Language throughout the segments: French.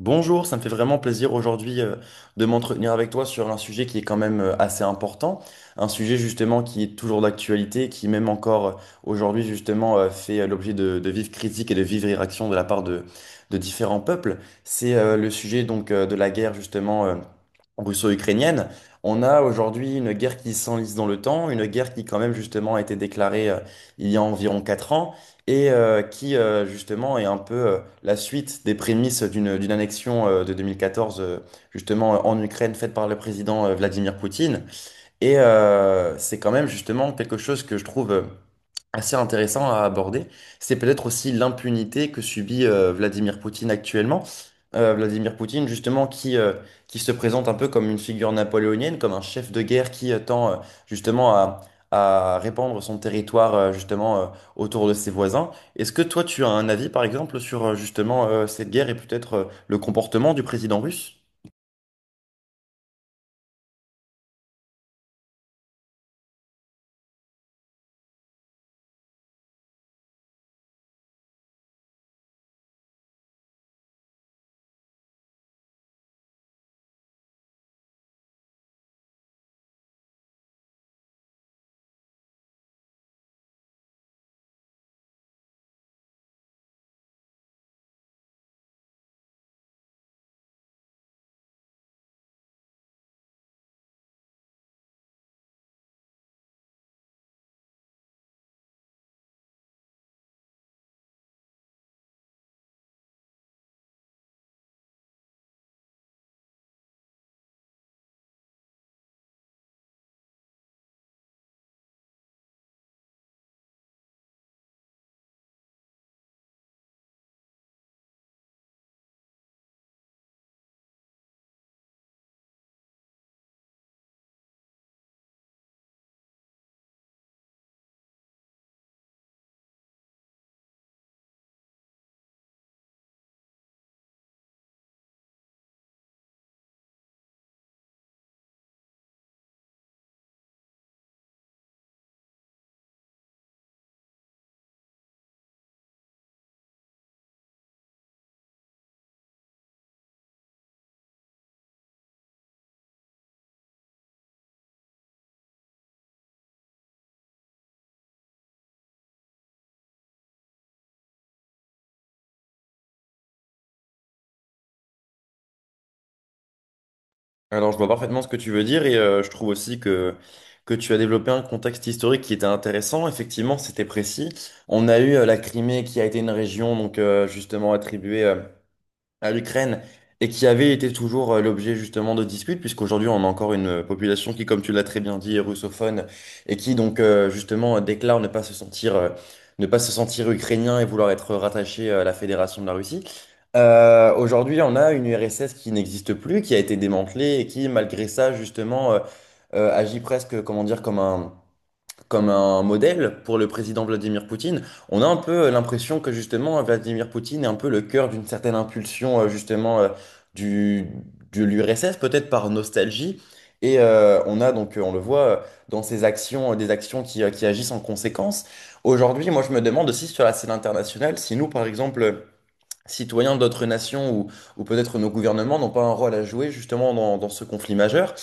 Bonjour, ça me fait vraiment plaisir aujourd'hui de m'entretenir avec toi sur un sujet qui est quand même assez important, un sujet justement qui est toujours d'actualité, qui même encore aujourd'hui justement fait l'objet de vives critiques et de vives réactions de la part de différents peuples. C'est le sujet donc de la guerre justement russo-ukrainienne. On a aujourd'hui une guerre qui s'enlise dans le temps, une guerre qui quand même justement a été déclarée il y a environ 4 ans et qui justement est un peu la suite des prémices d'une annexion de 2014 justement en Ukraine faite par le président Vladimir Poutine. Et c'est quand même justement quelque chose que je trouve assez intéressant à aborder, c'est peut-être aussi l'impunité que subit Vladimir Poutine actuellement. Vladimir Poutine, justement, qui se présente un peu comme une figure napoléonienne, comme un chef de guerre qui tend justement à répandre son territoire justement autour de ses voisins. Est-ce que toi, tu as un avis, par exemple, sur justement cette guerre et peut-être le comportement du président russe? Alors, je vois parfaitement ce que tu veux dire et je trouve aussi que tu as développé un contexte historique qui était intéressant. Effectivement, c'était précis. On a eu la Crimée qui a été une région donc justement attribuée à l'Ukraine et qui avait été toujours l'objet justement de disputes, puisqu'aujourd'hui on a encore une population qui, comme tu l'as très bien dit, est russophone et qui donc justement déclare ne pas se sentir, ne pas se sentir ukrainien et vouloir être rattaché à la Fédération de la Russie. Aujourd'hui, on a une URSS qui n'existe plus, qui a été démantelée et qui, malgré ça, justement, agit presque, comment dire, comme un modèle pour le président Vladimir Poutine, on a un peu l'impression que justement Vladimir Poutine est un peu le cœur d'une certaine impulsion justement du, de l'URSS, peut-être par nostalgie. Et on a donc, on le voit dans ses actions, des actions qui agissent en conséquence. Aujourd'hui, moi je me demande aussi sur la scène internationale, si nous par exemple citoyens d'autres nations ou peut-être nos gouvernements n'ont pas un rôle à jouer justement dans ce conflit majeur.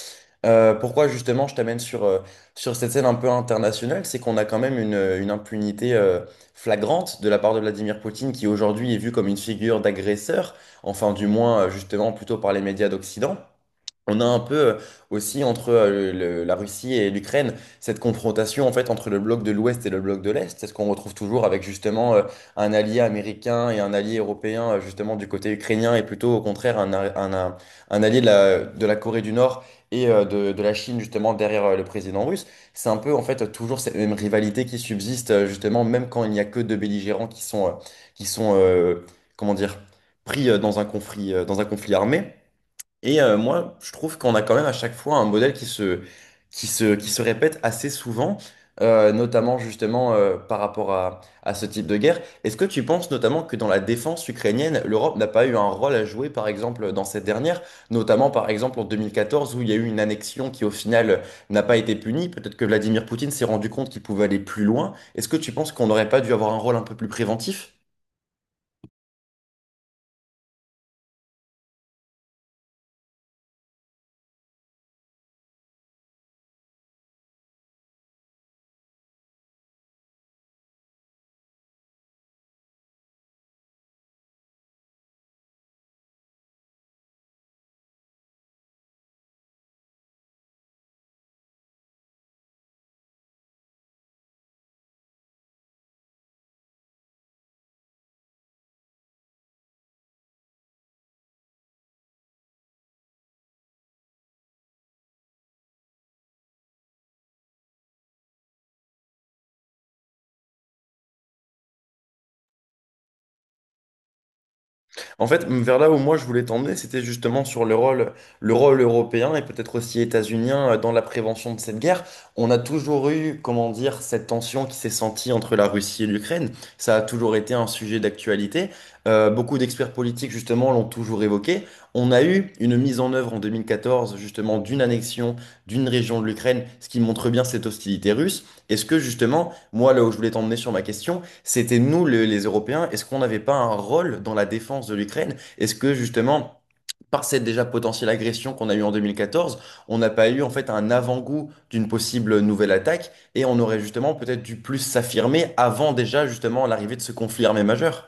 Pourquoi justement je t'amène sur cette scène un peu internationale, c'est qu'on a quand même une impunité flagrante de la part de Vladimir Poutine qui aujourd'hui est vu comme une figure d'agresseur, enfin du moins justement plutôt par les médias d'Occident. On a un peu aussi entre la Russie et l'Ukraine cette confrontation en fait entre le bloc de l'Ouest et le bloc de l'Est. C'est ce qu'on retrouve toujours avec justement un allié américain et un allié européen justement du côté ukrainien et plutôt au contraire un, a- un, un allié de la Corée du Nord et de la Chine justement derrière le président russe. C'est un peu en fait toujours cette même rivalité qui subsiste justement même quand il n'y a que deux belligérants, qui sont comment dire, pris dans un conflit armé. Et moi, je trouve qu'on a quand même à chaque fois un modèle qui se répète assez souvent, notamment justement par rapport à ce type de guerre. Est-ce que tu penses notamment que dans la défense ukrainienne, l'Europe n'a pas eu un rôle à jouer, par exemple, dans cette dernière, notamment par exemple en 2014 où il y a eu une annexion qui au final n'a pas été punie? Peut-être que Vladimir Poutine s'est rendu compte qu'il pouvait aller plus loin. Est-ce que tu penses qu'on n'aurait pas dû avoir un rôle un peu plus préventif? En fait, vers là où moi je voulais t'emmener, c'était justement sur le rôle européen et peut-être aussi états-unien dans la prévention de cette guerre. On a toujours eu, comment dire, cette tension qui s'est sentie entre la Russie et l'Ukraine. Ça a toujours été un sujet d'actualité. Beaucoup d'experts politiques, justement, l'ont toujours évoqué. On a eu une mise en œuvre en 2014, justement, d'une annexion d'une région de l'Ukraine, ce qui montre bien cette hostilité russe. Est-ce que, justement, moi, là où je voulais t'emmener sur ma question, c'était nous, les Européens, est-ce qu'on n'avait pas un rôle dans la défense de l'Ukraine? Est-ce que justement, par cette déjà potentielle agression qu'on a eue en 2014, on n'a pas eu en fait un avant-goût d'une possible nouvelle attaque et on aurait justement peut-être dû plus s'affirmer avant déjà justement l'arrivée de ce conflit armé majeur?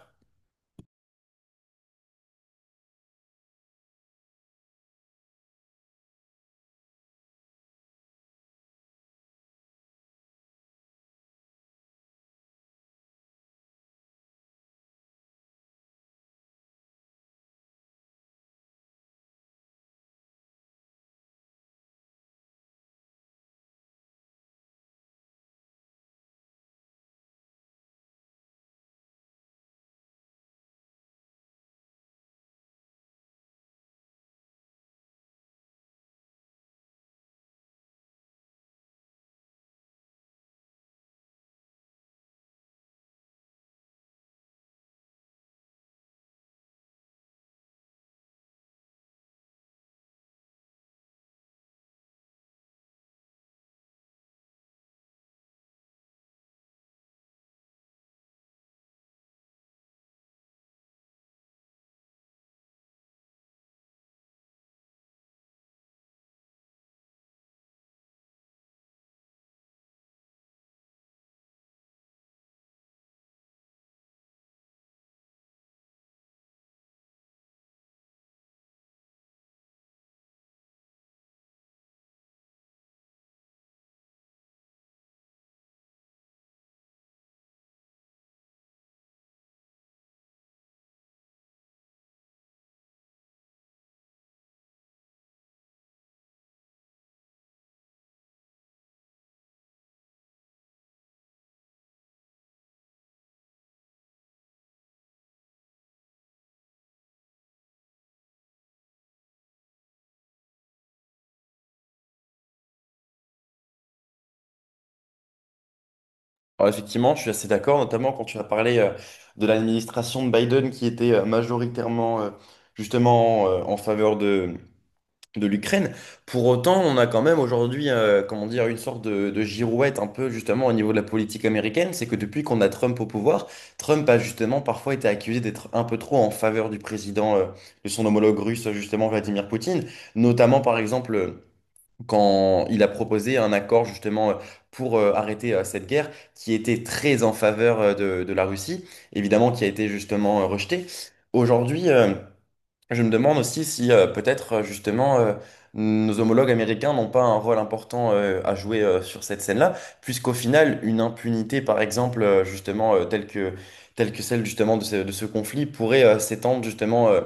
Alors effectivement, je suis assez d'accord, notamment quand tu as parlé de l'administration de Biden qui était majoritairement justement en faveur de l'Ukraine. Pour autant, on a quand même aujourd'hui, comment dire, une sorte de girouette un peu justement au niveau de la politique américaine. C'est que depuis qu'on a Trump au pouvoir, Trump a justement parfois été accusé d'être un peu trop en faveur du président, de son homologue russe, justement Vladimir Poutine. Notamment, par exemple, quand il a proposé un accord justement pour arrêter cette guerre qui était très en faveur de la Russie, évidemment qui a été justement rejeté. Aujourd'hui, je me demande aussi si peut-être justement nos homologues américains n'ont pas un rôle important à jouer sur cette scène-là, puisqu'au final, une impunité, par exemple, justement, telle que celle justement de ce conflit, pourrait s'étendre justement,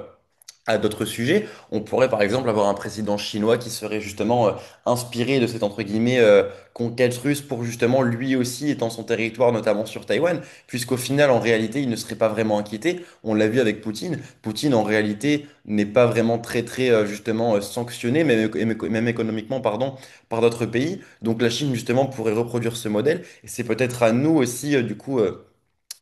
à d'autres sujets. On pourrait par exemple avoir un président chinois qui serait justement inspiré de cette entre guillemets conquête russe pour justement lui aussi étendre son territoire, notamment sur Taïwan, puisqu'au final en réalité il ne serait pas vraiment inquiété. On l'a vu avec Poutine. Poutine en réalité n'est pas vraiment très très justement sanctionné, même, même économiquement pardon, par d'autres pays. Donc la Chine justement pourrait reproduire ce modèle et c'est peut-être à nous aussi du coup,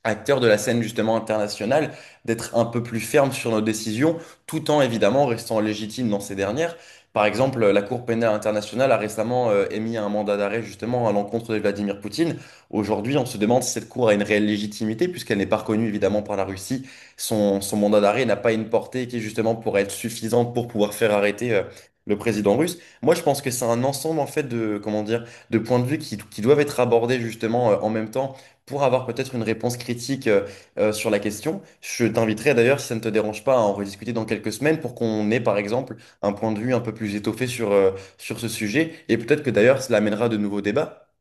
acteurs de la scène justement internationale, d'être un peu plus ferme sur nos décisions, tout en évidemment restant légitime dans ces dernières. Par exemple, la Cour pénale internationale a récemment émis un mandat d'arrêt justement à l'encontre de Vladimir Poutine. Aujourd'hui, on se demande si cette Cour a une réelle légitimité, puisqu'elle n'est pas reconnue évidemment par la Russie. Son mandat d'arrêt n'a pas une portée qui justement pourrait être suffisante pour pouvoir faire arrêter le président russe. Moi, je pense que c'est un ensemble en fait de, comment dire, de points de vue qui doivent être abordés justement en même temps pour avoir peut-être une réponse critique sur la question. Je t'inviterai d'ailleurs, si ça ne te dérange pas, à en rediscuter dans quelques semaines pour qu'on ait par exemple un point de vue un peu plus étoffé sur ce sujet. Et peut-être que d'ailleurs, cela amènera de nouveaux débats.